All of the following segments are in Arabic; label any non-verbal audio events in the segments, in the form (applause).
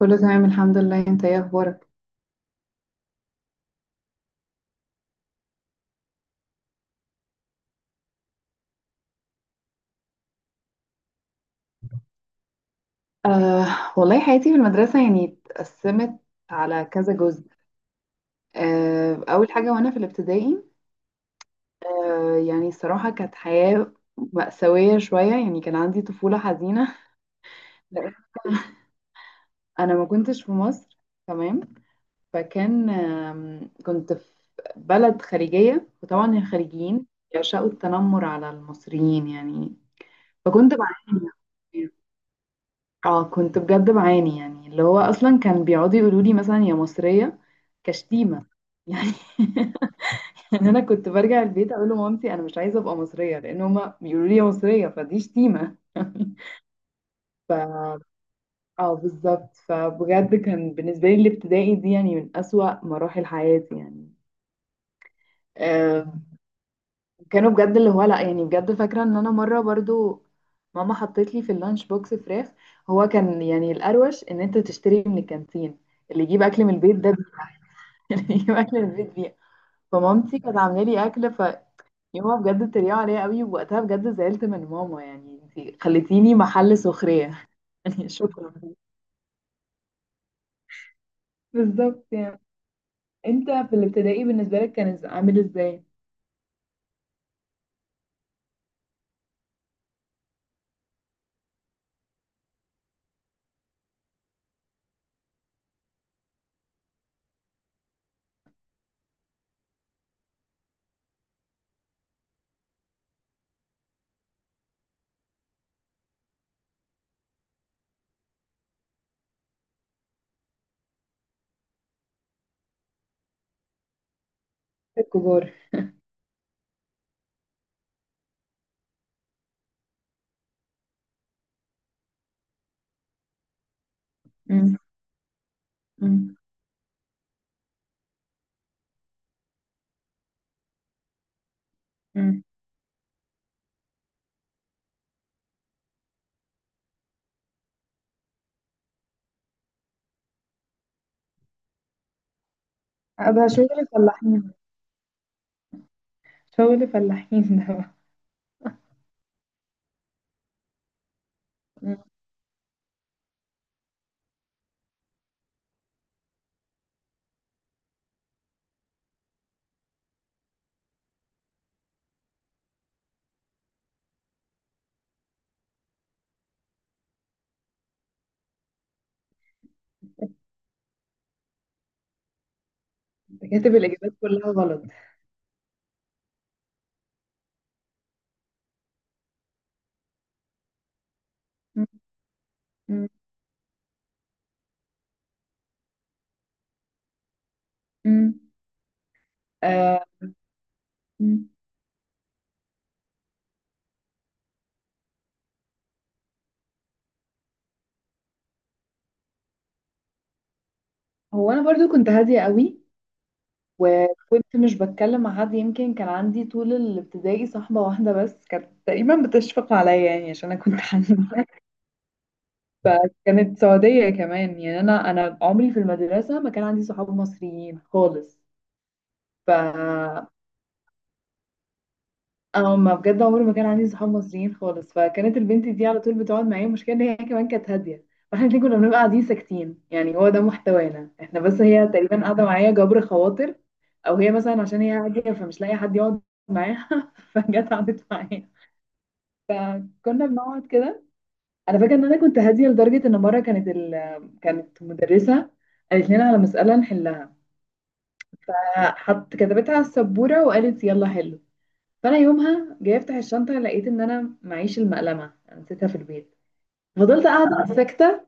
كله تمام، الحمد لله. انت ايه اخبارك؟ آه والله، حياتي في المدرسه يعني اتقسمت على كذا جزء. اول حاجه وانا في الابتدائي. يعني الصراحه كانت حياه مأساويه شويه، يعني كان عندي طفوله حزينه. (laughs) لأن انا ما كنتش في مصر، تمام. فكان كنت في بلد خليجيه، وطبعا الخليجيين يعشقوا التنمر على المصريين يعني. فكنت بعاني يعني. اه كنت بجد بعاني، يعني اللي هو اصلا كان بيقعدوا يقولوا لي مثلا يا مصريه، كشتيمه يعني. (laughs) يعني انا كنت برجع البيت اقول لمامتي انا مش عايزه ابقى مصريه لان هما بيقولوا لي يا مصريه فدي شتيمه. (laughs) ف اه، بالظبط، فبجد كان بالنسبه لي الابتدائي دي يعني من اسوأ مراحل حياتي يعني. آه، كانوا بجد اللي هو لا، يعني بجد فاكرة ان انا مرة برضو ماما حطيت لي في اللانش بوكس فراخ. هو كان يعني الأروش ان انت تشتري من الكانتين، اللي يجيب اكل من البيت ده (laughs) بيه، اللي يجيب اكل من البيت بيه. فمامتي كانت عاملة لي اكل، فيومها بجد اتريقوا عليا قوي، ووقتها بجد زعلت من ماما، يعني انت خليتيني محل سخرية. (laughs) يعني شكرا. بالظبط يعني. انت في الابتدائي بالنسبة لك كان عامل ازاي؟ الكبار. امم. امم. امم. ابقى شغل فلاحين. شغل فلاحين ده. (laughs) مم. انت كاتب الإجابات كلها غلط. مم. مم. مم. آه. مم. هو أنا برضو كنت هادية قوي، وكنت مش بتكلم مع حد، يمكن كان عندي طول الابتدائي صاحبة واحدة بس، كانت تقريبا بتشفق عليا يعني عشان أنا كنت حنينة. (laughs) فكانت سعودية كمان، يعني أنا عمري في المدرسة ما كان عندي صحاب مصريين خالص. ف اه، ما بجد عمري ما كان عندي صحاب مصريين خالص، فكانت البنت دي على طول بتقعد معايا، المشكله ان هي كمان كانت هاديه. فاحنا الاتنين كنا بنبقى قاعدين ساكتين، يعني هو ده محتوانا احنا، بس هي تقريبا قاعده معايا جبر خواطر، او هي مثلا عشان هي هاديه فمش لاقيه حد يقعد معاها، (laughs) فجت قعدت معايا. كنا بنقعد كده. انا فاكره ان انا كنت هاديه لدرجه ان مره كانت مدرسه قالت لنا على مساله نحلها، فحط كتبتها على السبوره وقالت يلا حلو. فانا يومها جايه افتح الشنطه لقيت ان انا معيش المقلمه، أنا نسيتها في البيت. فضلت قاعده ساكته،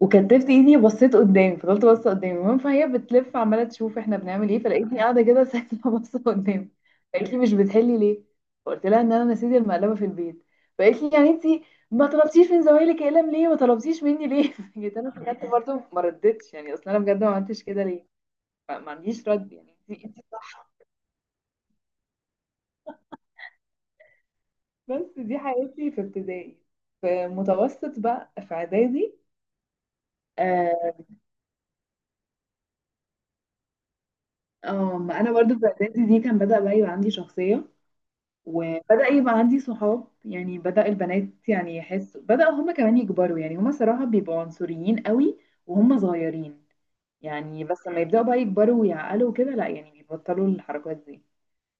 وكتفت ايدي وبصيت قدامي، فضلت باصه قدامي. المهم فهي بتلف عماله تشوف احنا بنعمل ايه، فلقيتني قاعده كده (laughs) ساكته باصه قدامي. فقالت لي مش بتحلي ليه؟ فقلت لها ان انا نسيت المقلمه في البيت. فقالت لي يعني انت ما طلبتيش من زمايلك اقلم ليه، ما طلبتيش مني ليه؟ (laughs) جيت انا فكرت برضه ما ردتش، يعني اصل انا بجد ما عملتش كده ليه، ما عنديش رد يعني انت. بس دي حياتي في ابتدائي. في متوسط بقى، في اعدادي. اه. ما انا برضو في اعدادي دي كان بدأ بقى يبقى عندي شخصية، وبدأ يبقى عندي صحاب، يعني بدأ البنات يعني يحس بدأ هما كمان يكبروا، يعني هما صراحة بيبقوا عنصريين قوي وهما صغيرين. يعني بس لما يبدأوا بقى يكبروا ويعقلوا كده لا، يعني بيبطلوا الحركات دي.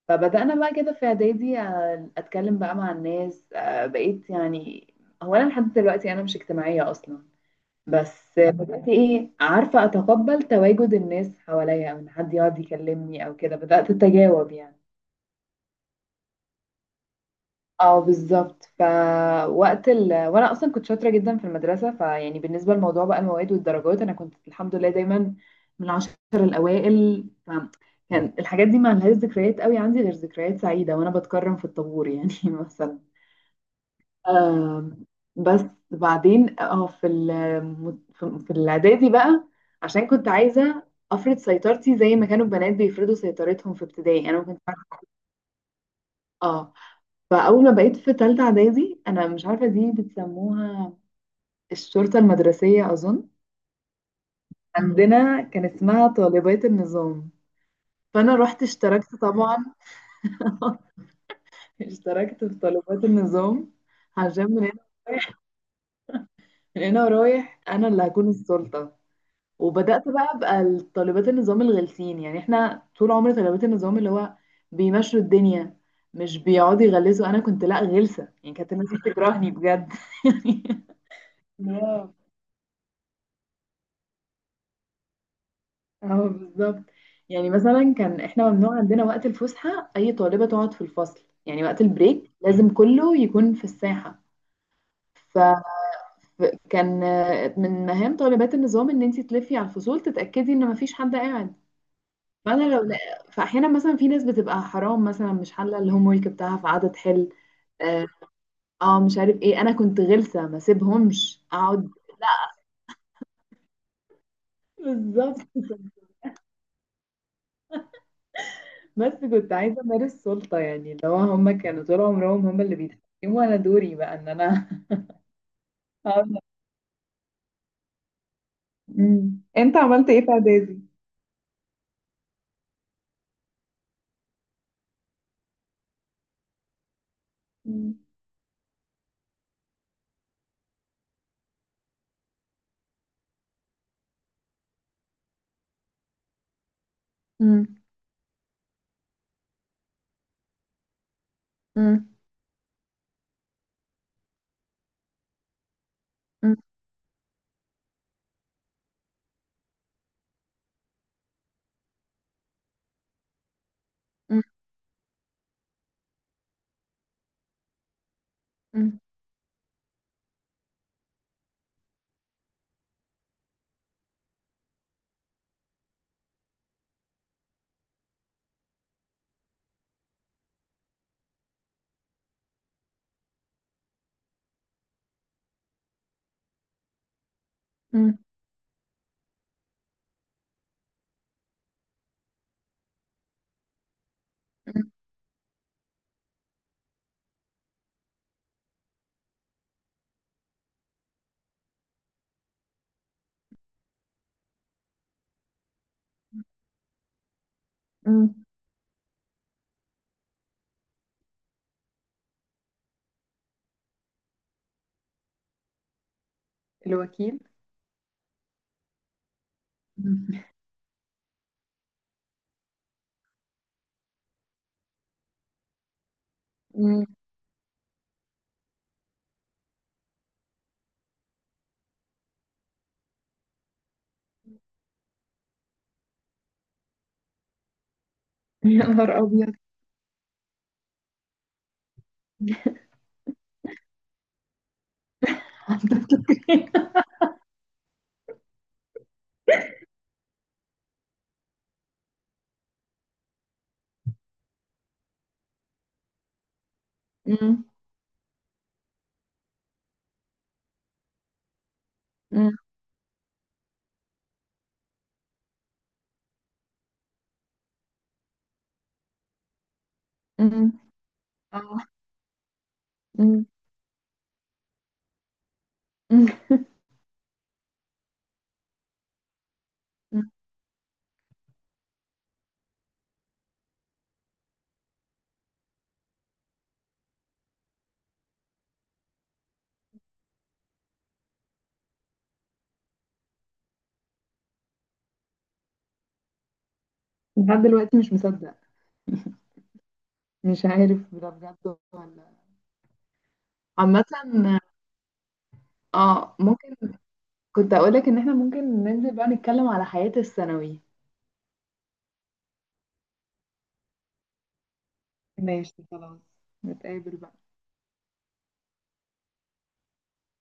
فبدأنا بقى كده في اعدادي، اتكلم بقى مع الناس، بقيت يعني. هو انا لحد دلوقتي انا مش اجتماعية اصلا، بس بدأت، ايه عارفة، اتقبل تواجد الناس حواليا او ان حد يقعد يكلمني او كده، بدأت اتجاوب يعني. اه، بالظبط، فوقت وانا اصلا كنت شاطرة جدا في المدرسة، فيعني بالنسبة لموضوع بقى المواد والدرجات، انا كنت الحمد لله دايما من العشر الاوائل، فكان الحاجات دي ما لهاش ذكريات قوي عندي غير ذكريات سعيدة وانا بتكرم في الطابور يعني (laughs) مثلا. آم، بس. بعدين في ال- في في الاعدادي بقى، عشان كنت عايزه افرض سيطرتي زي ما كانوا البنات بيفرضوا سيطرتهم في ابتدائي، انا ما كنتش عارفه. اه. فاول ما بقيت في تالتة اعدادي، انا مش عارفه دي بتسموها الشرطه المدرسيه اظن، عندنا كان اسمها طالبات النظام، فانا رحت اشتركت طبعا. (laughs) اشتركت في طالبات النظام عشان من هنا، من هنا ورايح، انا اللي هكون السلطه. وبدأت بقى أبقى طالبات النظام الغلسين، يعني احنا طول عمري طالبات النظام اللي هو بيمشوا الدنيا، مش بيقعدوا يغلسوا، انا كنت لا، غلسة يعني، كانت الناس بتكرهني بجد. (laughs) يعني واو. اه، بالظبط. يعني مثلا كان احنا ممنوع عندنا وقت الفسحة اي طالبة تقعد في الفصل، يعني وقت البريك لازم كله يكون في الساحة. ف ف- كان من مهام طالبات النظام ان انت تلفي على الفصول تتأكدي ان مفيش حد قاعد. فانا لو لا- فاحيانا مثلا في ناس بتبقى حرام، مثلا مش حله الهوم ورك بتاعها فقعدت تحل. اه. مش عارف ايه، انا كنت غلسه ما سيبهمش اقعد. بالظبط. بس كنت عايزه امارس سلطه، يعني اللي هو هم كانوا طول عمرهم هم اللي بيتحكموا، انا دوري بقى ان انا. (laughs) أقعد. أمم. انت عملت ايه في اعدادي؟ أمم. أمم. أمم. أمم. أمم. أمم. أمم. أمم. الوكيل. أمم. أمم. (laughs) يا نهار ابيض. (laughs) أمم. أمم. أمم. اه. أمم. أمم. أمم. لحد دلوقتي مش مصدق. مش عارف ده بجد ولا. عامة. اه، ممكن. كنت اقولك ان احنا ممكن ننزل بقى نتكلم على حياة الثانوي. ماشي، خلاص. نتقابل بقى.